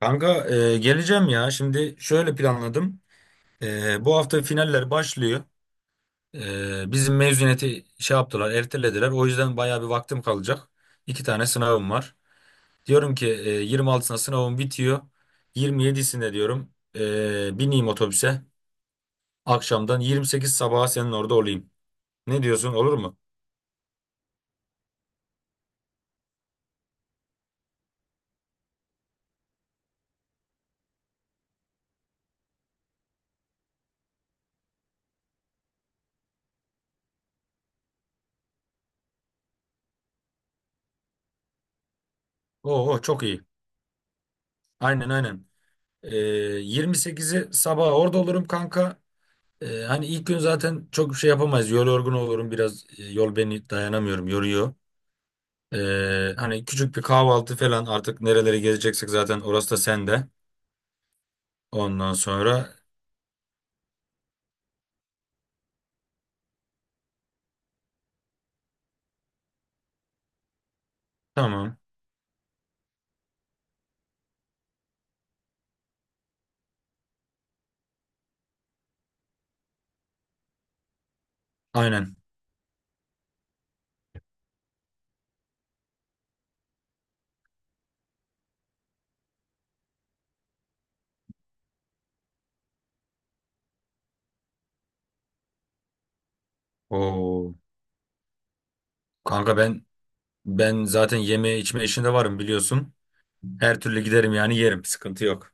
Kanka geleceğim ya. Şimdi şöyle planladım. Bu hafta finaller başlıyor. Bizim mezuniyeti şey yaptılar, ertelediler. O yüzden bayağı bir vaktim kalacak. İki tane sınavım var. Diyorum ki 26'sında sınavım bitiyor. 27'sinde diyorum bineyim otobüse. Akşamdan 28 sabaha senin orada olayım. Ne diyorsun, olur mu? Oo, çok iyi. Aynen, aynen. E, 28'i sabaha orada olurum kanka. Hani ilk gün zaten çok bir şey yapamayız. Yol yorgun olurum biraz. Yol beni dayanamıyorum, yoruyor. Hani küçük bir kahvaltı falan, artık nerelere gezeceksek zaten orası da sende. Ondan sonra tamam. Aynen. Oo. Kanka ben zaten yeme içme işinde varım, biliyorsun. Her türlü giderim yani, yerim. Sıkıntı yok.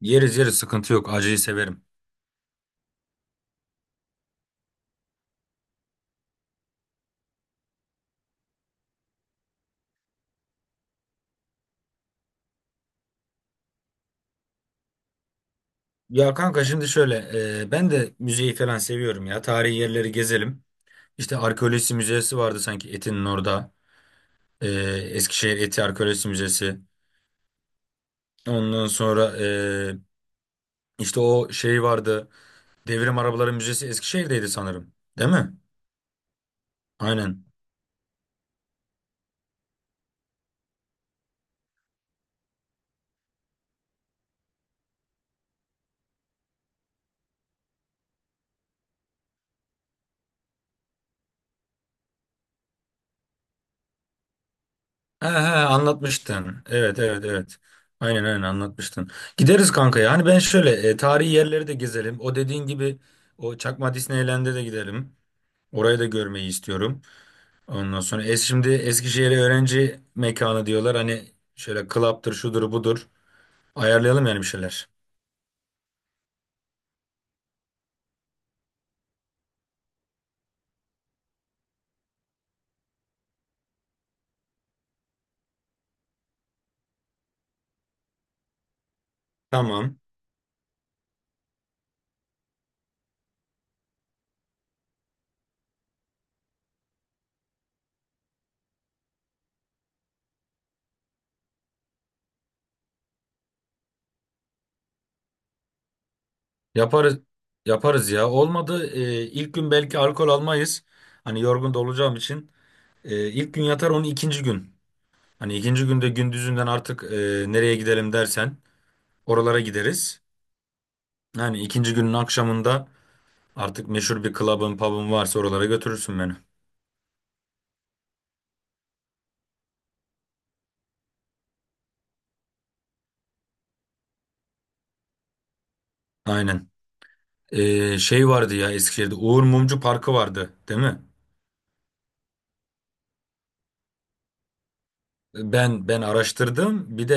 Yeriz yeriz, sıkıntı yok. Acıyı severim. Ya kanka, şimdi şöyle, ben de müzeyi falan seviyorum ya. Tarihi yerleri gezelim. İşte arkeoloji müzesi vardı sanki Etin'in orada. E, Eskişehir Eti Arkeolojisi Müzesi. Ondan sonra işte o şey vardı. Devrim Arabaları Müzesi Eskişehir'deydi sanırım. Değil mi? Aynen. He he, anlatmıştın. Evet, evet, evet. Aynen aynen, anlatmıştın. Gideriz kanka ya. Hani ben şöyle, tarihi yerleri de gezelim. O dediğin gibi o Çakma Disneyland'e de gidelim. Orayı da görmeyi istiyorum. Ondan sonra es, şimdi Eskişehir öğrenci mekanı diyorlar. Hani şöyle club'tır, şudur budur. Ayarlayalım yani bir şeyler. Tamam. Yaparız yaparız ya. Olmadı, ilk gün belki alkol almayız. Hani yorgun da olacağım için. İlk gün yatar onun, ikinci gün. Hani ikinci günde gündüzünden artık nereye gidelim dersen oralara gideriz. Yani ikinci günün akşamında artık meşhur bir club'ın, pub'ın varsa oralara götürürsün beni. Aynen. Şey vardı ya, Eskişehir'de Uğur Mumcu Parkı vardı, değil mi? Ben araştırdım. Bir de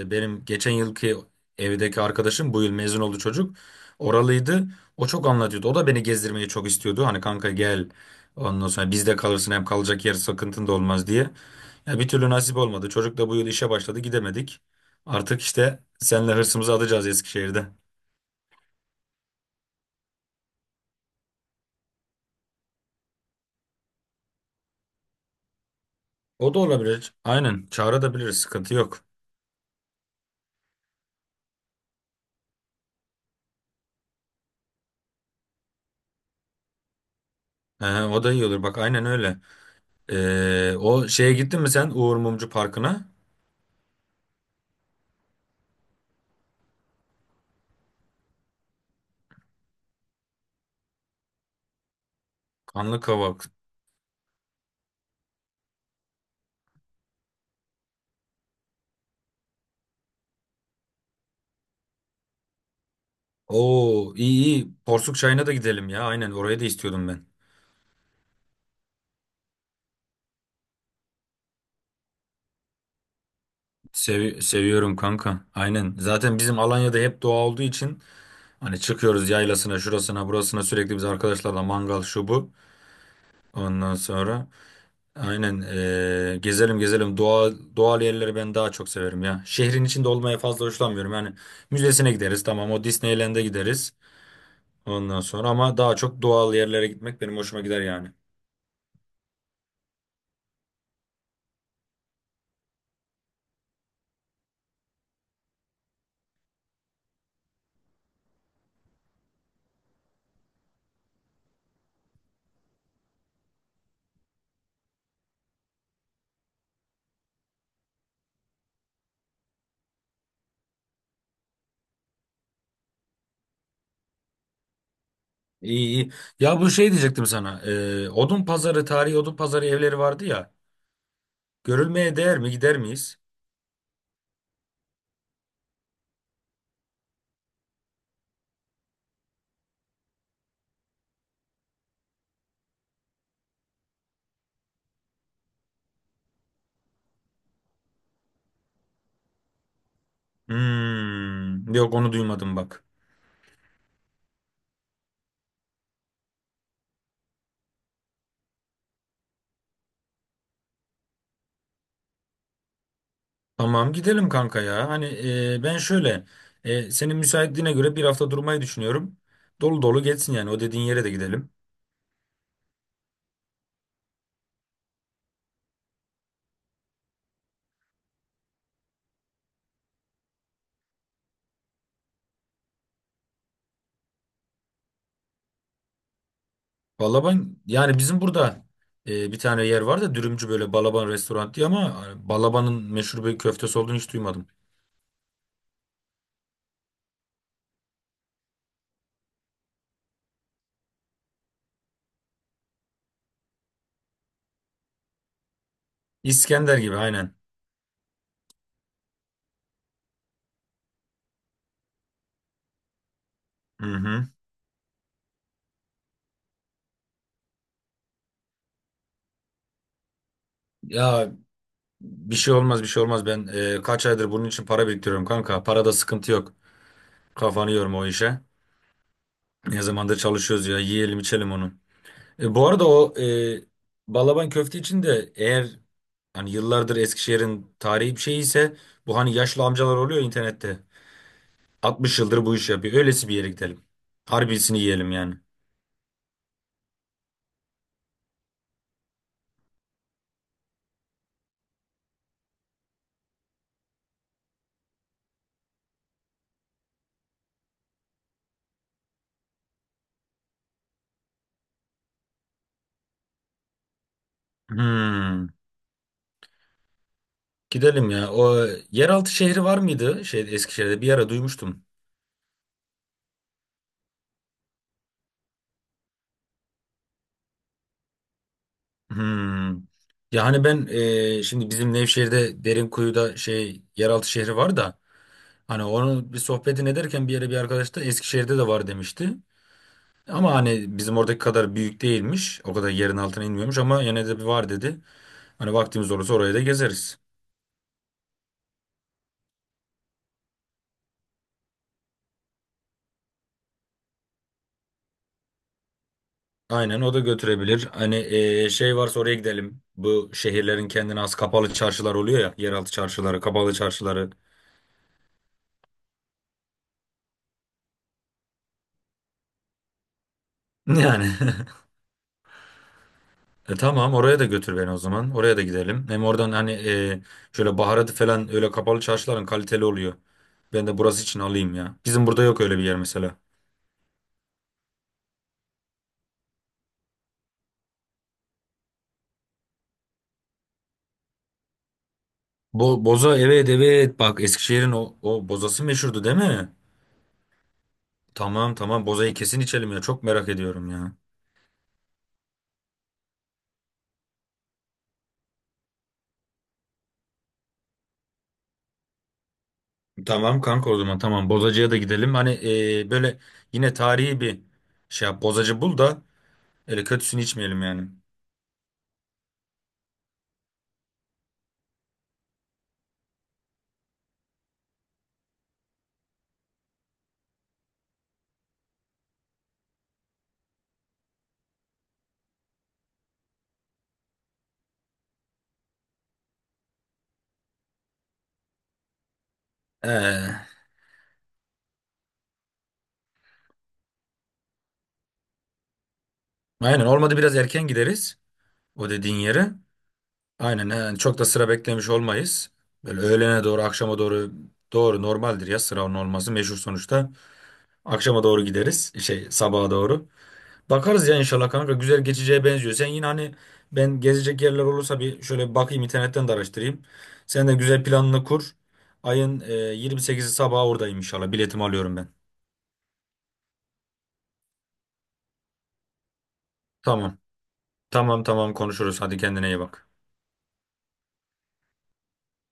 benim geçen yılki evdeki arkadaşım bu yıl mezun oldu çocuk. Oralıydı. O çok anlatıyordu. O da beni gezdirmeyi çok istiyordu. Hani kanka gel. Ondan sonra bizde kalırsın, hem kalacak yer sıkıntın da olmaz diye. Ya bir türlü nasip olmadı. Çocuk da bu yıl işe başladı, gidemedik. Artık işte seninle hırsımızı atacağız Eskişehir'de. O da olabilir. Aynen, çağırabiliriz, sıkıntı yok. O da iyi olur bak, aynen öyle. O şeye gittin mi sen, Uğur Mumcu Parkı'na? Kanlıkavak. Oo, iyi iyi. Porsuk çayına da gidelim ya. Aynen, oraya da istiyordum ben. Seviyorum kanka. Aynen. Zaten bizim Alanya'da hep doğa olduğu için hani çıkıyoruz yaylasına, şurasına, burasına sürekli, biz arkadaşlarla mangal şu bu. Ondan sonra aynen, gezelim gezelim. Doğa, doğal yerleri ben daha çok severim ya. Şehrin içinde olmaya fazla hoşlanmıyorum. Yani müzesine gideriz tamam, o Disneyland'e gideriz. Ondan sonra ama daha çok doğal yerlere gitmek benim hoşuma gider yani. İyi iyi. Ya bu şey diyecektim sana. Odun pazarı, tarihi odun pazarı evleri vardı ya. Görülmeye değer mi? Gider miyiz? Hmm, yok, onu duymadım bak. Tamam, gidelim kanka ya. Hani ben şöyle, senin müsaitliğine göre bir hafta durmayı düşünüyorum. Dolu dolu geçsin yani, o dediğin yere de gidelim. Vallahi ben yani bizim burada bir tane yer var da, dürümcü, böyle Balaban restoran diye, ama Balaban'ın meşhur bir köftesi olduğunu hiç duymadım. İskender gibi, aynen. Hı hı. Ya, bir şey olmaz, bir şey olmaz. Ben kaç aydır bunun için para biriktiriyorum kanka. Parada sıkıntı yok. Kafanı yorma o işe. Ne zamandır çalışıyoruz ya. Yiyelim içelim onu. Bu arada o balaban köfte için de, eğer hani yıllardır Eskişehir'in tarihi bir şey ise, bu hani yaşlı amcalar oluyor internette. 60 yıldır bu işi yapıyor. Öylesi bir yere gidelim. Harbisini yiyelim yani. Hmm. Gidelim ya. O yeraltı şehri var mıydı? Şey, Eskişehir'de bir ara duymuştum. Hmm. Yani ben şimdi bizim Nevşehir'de Derinkuyu'da şey yeraltı şehri var da, hani onun bir sohbetini ederken bir yere, bir arkadaş da Eskişehir'de de var demişti. Ama hani bizim oradaki kadar büyük değilmiş. O kadar yerin altına inmiyormuş, ama yine de bir var dedi. Hani vaktimiz olursa oraya da gezeriz. Aynen, o da götürebilir. Hani şey varsa oraya gidelim. Bu şehirlerin kendine has kapalı çarşılar oluyor ya. Yeraltı çarşıları, kapalı çarşıları. Yani. E tamam, oraya da götür beni o zaman. Oraya da gidelim. Hem oradan hani şöyle baharatı falan, öyle kapalı çarşıların kaliteli oluyor. Ben de burası için alayım ya. Bizim burada yok öyle bir yer mesela. Boza, evet evet, bak Eskişehir'in o, o bozası meşhurdu, değil mi? Tamam tamam, bozayı kesin içelim ya, çok merak ediyorum ya. Tamam kanka, o zaman tamam, bozacıya da gidelim. Hani böyle yine tarihi bir şey yap, bozacı bul da öyle kötüsünü içmeyelim yani. Ee, aynen, olmadı biraz erken gideriz o dediğin yere. Aynen yani, çok da sıra beklemiş olmayız. Böyle öğlene doğru, akşama doğru, doğru normaldir ya, sıra onun olması meşhur sonuçta. Akşama doğru gideriz, şey, sabaha doğru. Bakarız ya, inşallah kanka güzel geçeceğe benziyor. Sen yine hani, ben gezecek yerler olursa bir şöyle bir bakayım, internetten de araştırayım. Sen de güzel planını kur. Ayın 28'i sabah oradayım inşallah, biletimi alıyorum ben. Tamam tamam, konuşuruz, hadi kendine iyi bak.